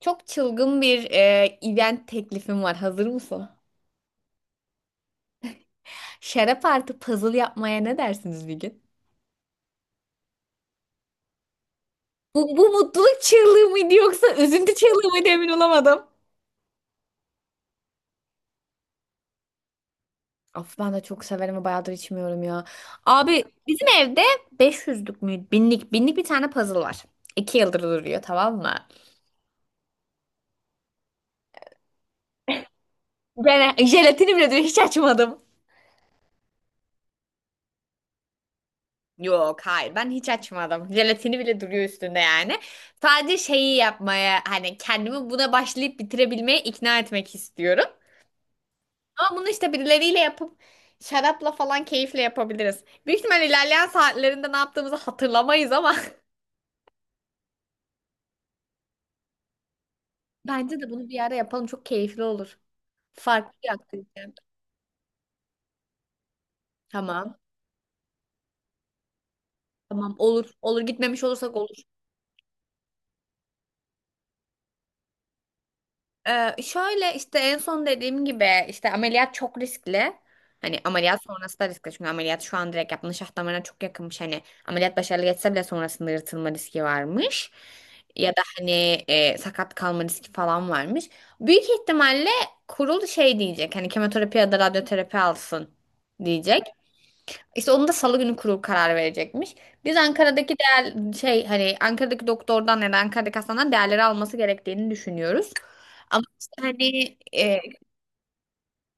Çok çılgın bir event teklifim var. Hazır mısın? Şarap artı puzzle yapmaya ne dersiniz bir gün? Bu mutluluk çığlığı mıydı yoksa üzüntü çığlığı mıydı emin olamadım. Of ben de çok severim ve bayağıdır içmiyorum ya. Abi bizim evde 500'lük mü? Binlik bir tane puzzle var. İki yıldır duruyor tamam mı? Ben jelatini bile diyor hiç açmadım. Yok hayır ben hiç açmadım. Jelatini bile duruyor üstünde yani. Sadece şeyi yapmaya hani kendimi buna başlayıp bitirebilmeye ikna etmek istiyorum. Ama bunu işte birileriyle yapıp şarapla falan keyifle yapabiliriz. Büyük ihtimal ilerleyen saatlerinde ne yaptığımızı hatırlamayız ama bence de bunu bir yere yapalım çok keyifli olur. Farklı bir aktivite. Tamam. Tamam olur. Olur gitmemiş olursak olur. Şöyle işte en son dediğim gibi işte ameliyat çok riskli. Hani ameliyat sonrası da riskli çünkü ameliyat şu an direkt yapılan şah damarına çok yakınmış. Hani ameliyat başarılı geçse bile sonrasında yırtılma riski varmış. Ya da hani sakat kalma riski falan varmış. Büyük ihtimalle kurul şey diyecek hani kemoterapi ya da radyoterapi alsın diyecek. İşte onu da Salı günü kurul karar verecekmiş. Biz Ankara'daki değer şey hani Ankara'daki doktordan ya da Ankara'daki hastaneden değerleri alması gerektiğini düşünüyoruz. Ama işte hani e,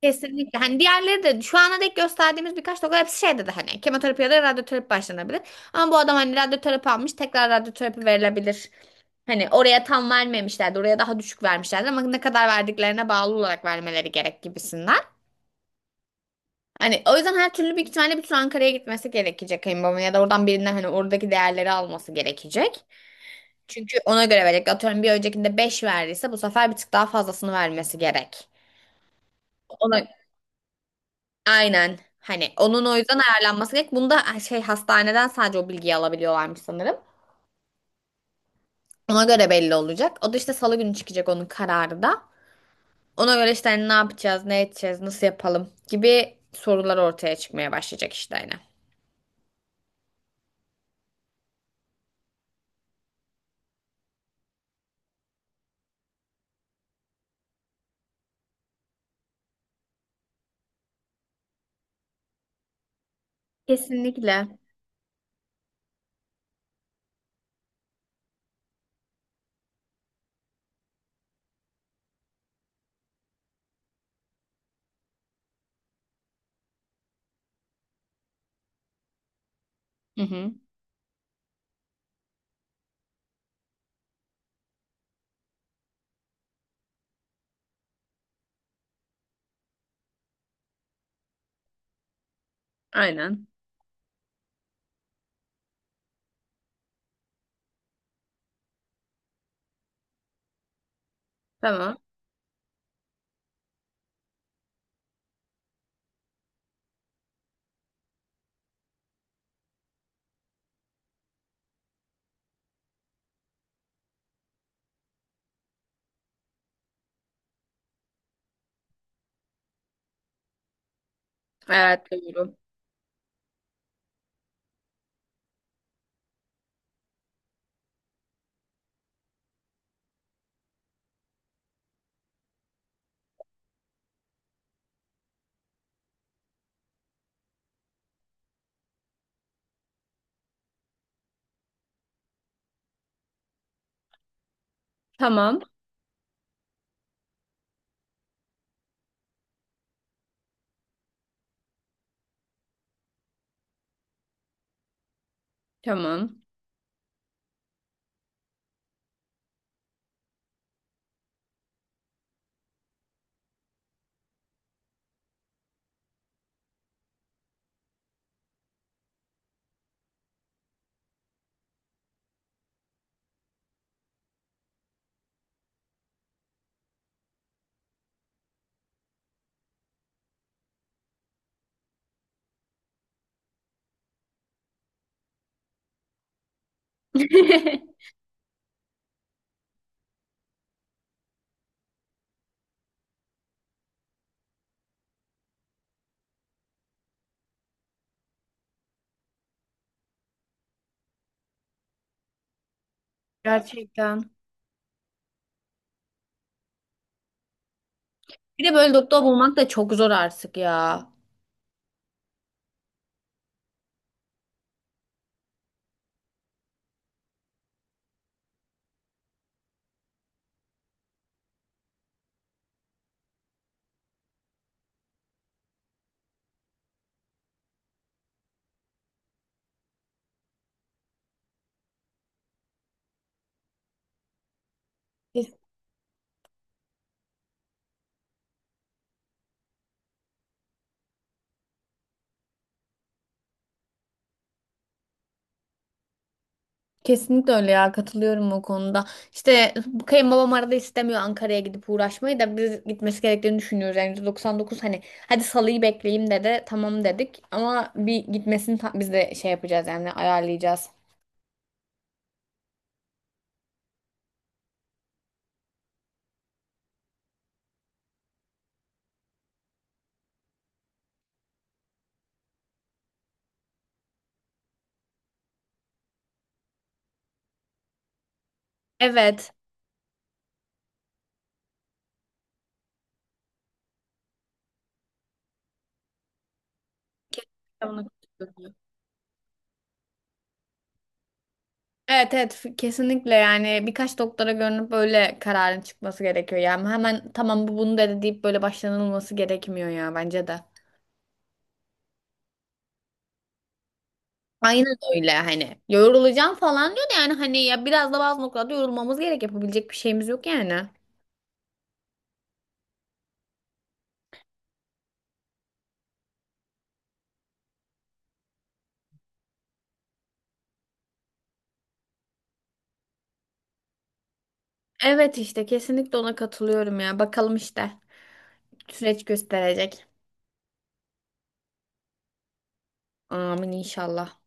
kesinlikle hani diğerleri de şu ana dek gösterdiğimiz birkaç doktor hepsi şey dedi hani kemoterapi ya da radyoterapi başlanabilir. Ama bu adam hani radyoterapi almış tekrar radyoterapi verilebilir. Hani oraya tam vermemişlerdi. Oraya daha düşük vermişlerdi ama ne kadar verdiklerine bağlı olarak vermeleri gerek gibisinden. Hani o yüzden her türlü büyük ihtimalle bir tur Ankara'ya gitmesi gerekecek kayınbabamın ya da oradan birinden hani oradaki değerleri alması gerekecek. Çünkü ona göre verecek. Atıyorum bir öncekinde 5 verdiyse bu sefer bir tık daha fazlasını vermesi gerek. Ona aynen hani onun o yüzden ayarlanması gerek. Bunda şey hastaneden sadece o bilgiyi alabiliyorlarmış sanırım. Ona göre belli olacak. O da işte salı günü çıkacak onun kararı da. Ona göre işte hani ne yapacağız, ne edeceğiz, nasıl yapalım gibi sorular ortaya çıkmaya başlayacak işte hani. Kesinlikle. Hı hı. Aynen. Tamam. Evet doğru. Tamam. Tamam. Gerçekten. Bir de böyle doktor bulmak da çok zor artık ya. Kes- Kesinlikle öyle ya katılıyorum o konuda. İşte bu kayınbabam arada istemiyor Ankara'ya gidip uğraşmayı da biz gitmesi gerektiğini düşünüyoruz. Yani %99 hani hadi salıyı bekleyeyim dedi tamam dedik ama bir gitmesini biz de şey yapacağız yani ayarlayacağız. Evet. Kesinlikle buna katılıyorum. Evet evet kesinlikle yani birkaç doktora görünüp böyle kararın çıkması gerekiyor. Yani hemen tamam bunu dedi deyip böyle başlanılması gerekmiyor ya bence de. Aynen öyle hani yorulacağım falan diyor da yani hani ya biraz da bazı noktada yorulmamız gerek yapabilecek bir şeyimiz yok yani. Evet işte kesinlikle ona katılıyorum ya bakalım işte süreç gösterecek. Amin inşallah.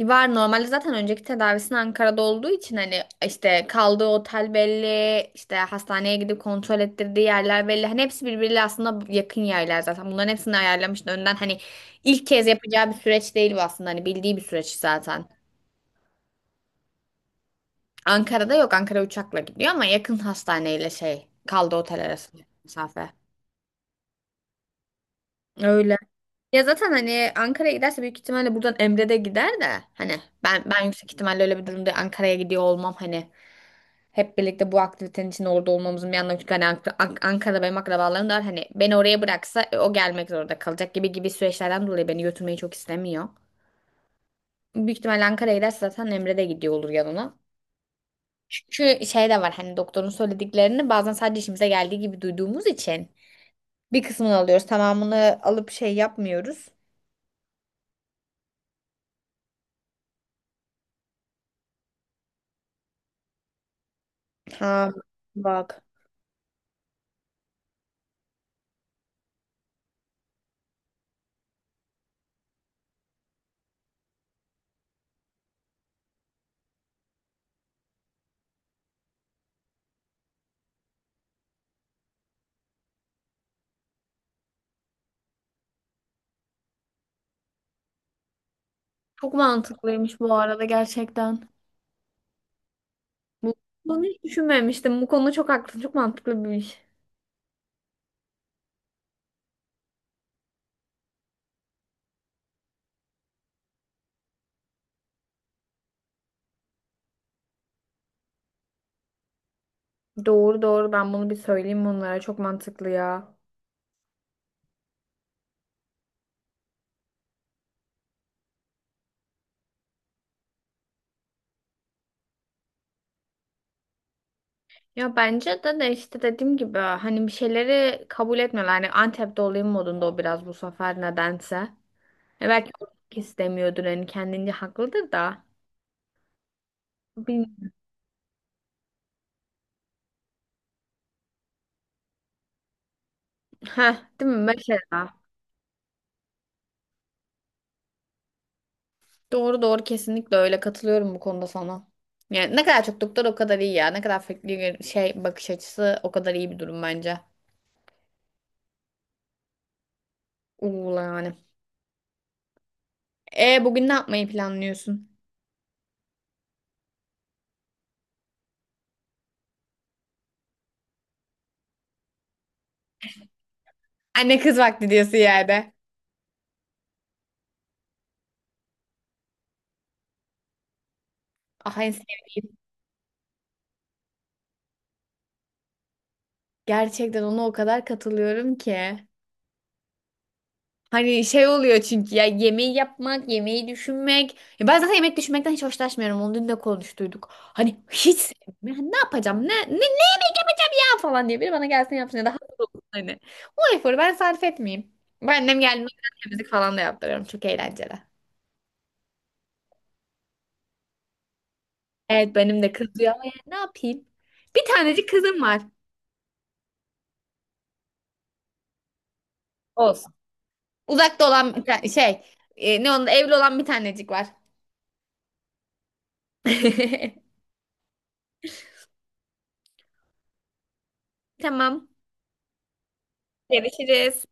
Var normalde zaten önceki tedavisinin Ankara'da olduğu için hani işte kaldığı otel belli, işte hastaneye gidip kontrol ettirdiği yerler belli. Hani hepsi birbiriyle aslında yakın yerler zaten. Bunların hepsini ayarlamıştı önden. Hani ilk kez yapacağı bir süreç değil bu aslında. Hani bildiği bir süreç zaten. Ankara'da yok. Ankara uçakla gidiyor ama yakın hastaneyle şey kaldığı otel arasında mesafe. Öyle. Ya zaten hani Ankara'ya giderse büyük ihtimalle buradan Emre de gider de hani ben yüksek ihtimalle öyle bir durumda Ankara'ya gidiyor olmam hani hep birlikte bu aktivitenin içinde orada olmamızın bir anlamı çünkü hani Ankara'da benim akrabalarım da var hani beni oraya bıraksa o gelmek zorunda kalacak gibi gibi süreçlerden dolayı beni götürmeyi çok istemiyor. Büyük ihtimalle Ankara'ya giderse zaten Emre de gidiyor olur yanına. Çünkü şey de var hani doktorun söylediklerini bazen sadece işimize geldiği gibi duyduğumuz için bir kısmını alıyoruz tamamını alıp şey yapmıyoruz. Ha bak. Çok mantıklıymış bu arada gerçekten. Bu- Bunu hiç düşünmemiştim. Bu konuda çok haklısın. Çok mantıklı bir iş. Doğru ben bunu bir söyleyeyim onlara. Çok mantıklı ya. Ya bence de işte dediğim gibi hani bir şeyleri kabul etmiyorlar. Hani Antep'te olayım modunda o biraz bu sefer nedense. E belki o istemiyordur hani kendince haklıdır da. Bilmiyorum. Heh, değil mi mesela? Doğru kesinlikle öyle katılıyorum bu konuda sana. Yani ne kadar çok doktor o kadar iyi ya. Ne kadar farklı şey bakış açısı o kadar iyi bir durum bence. Uğla yani. E bugün ne yapmayı planlıyorsun? Anne kız vakti diyorsun yerde. Ah en sevdiğim. Gerçekten ona o kadar katılıyorum ki. Hani şey oluyor çünkü ya yemeği yapmak, yemeği düşünmek. Ya ben zaten yemek düşünmekten hiç hoşlaşmıyorum. Onu dün de konuştuyduk. Hani hiç sevmiyorum. Hani ne yapacağım? Ne yemek yapacağım ya falan diye biri bana gelsin yapsın ya da hazır olsun hani. O eforu ben sarf etmeyeyim. Ben annem geldiğinde temizlik falan da yaptırıyorum. Çok eğlenceli. Evet benim de kızıyor ama yani ne yapayım? Bir tanecik kızım var. Olsun. Uzakta olan bir tane şey. Ne onun evli olan bir tanecik var. Tamam. Görüşürüz.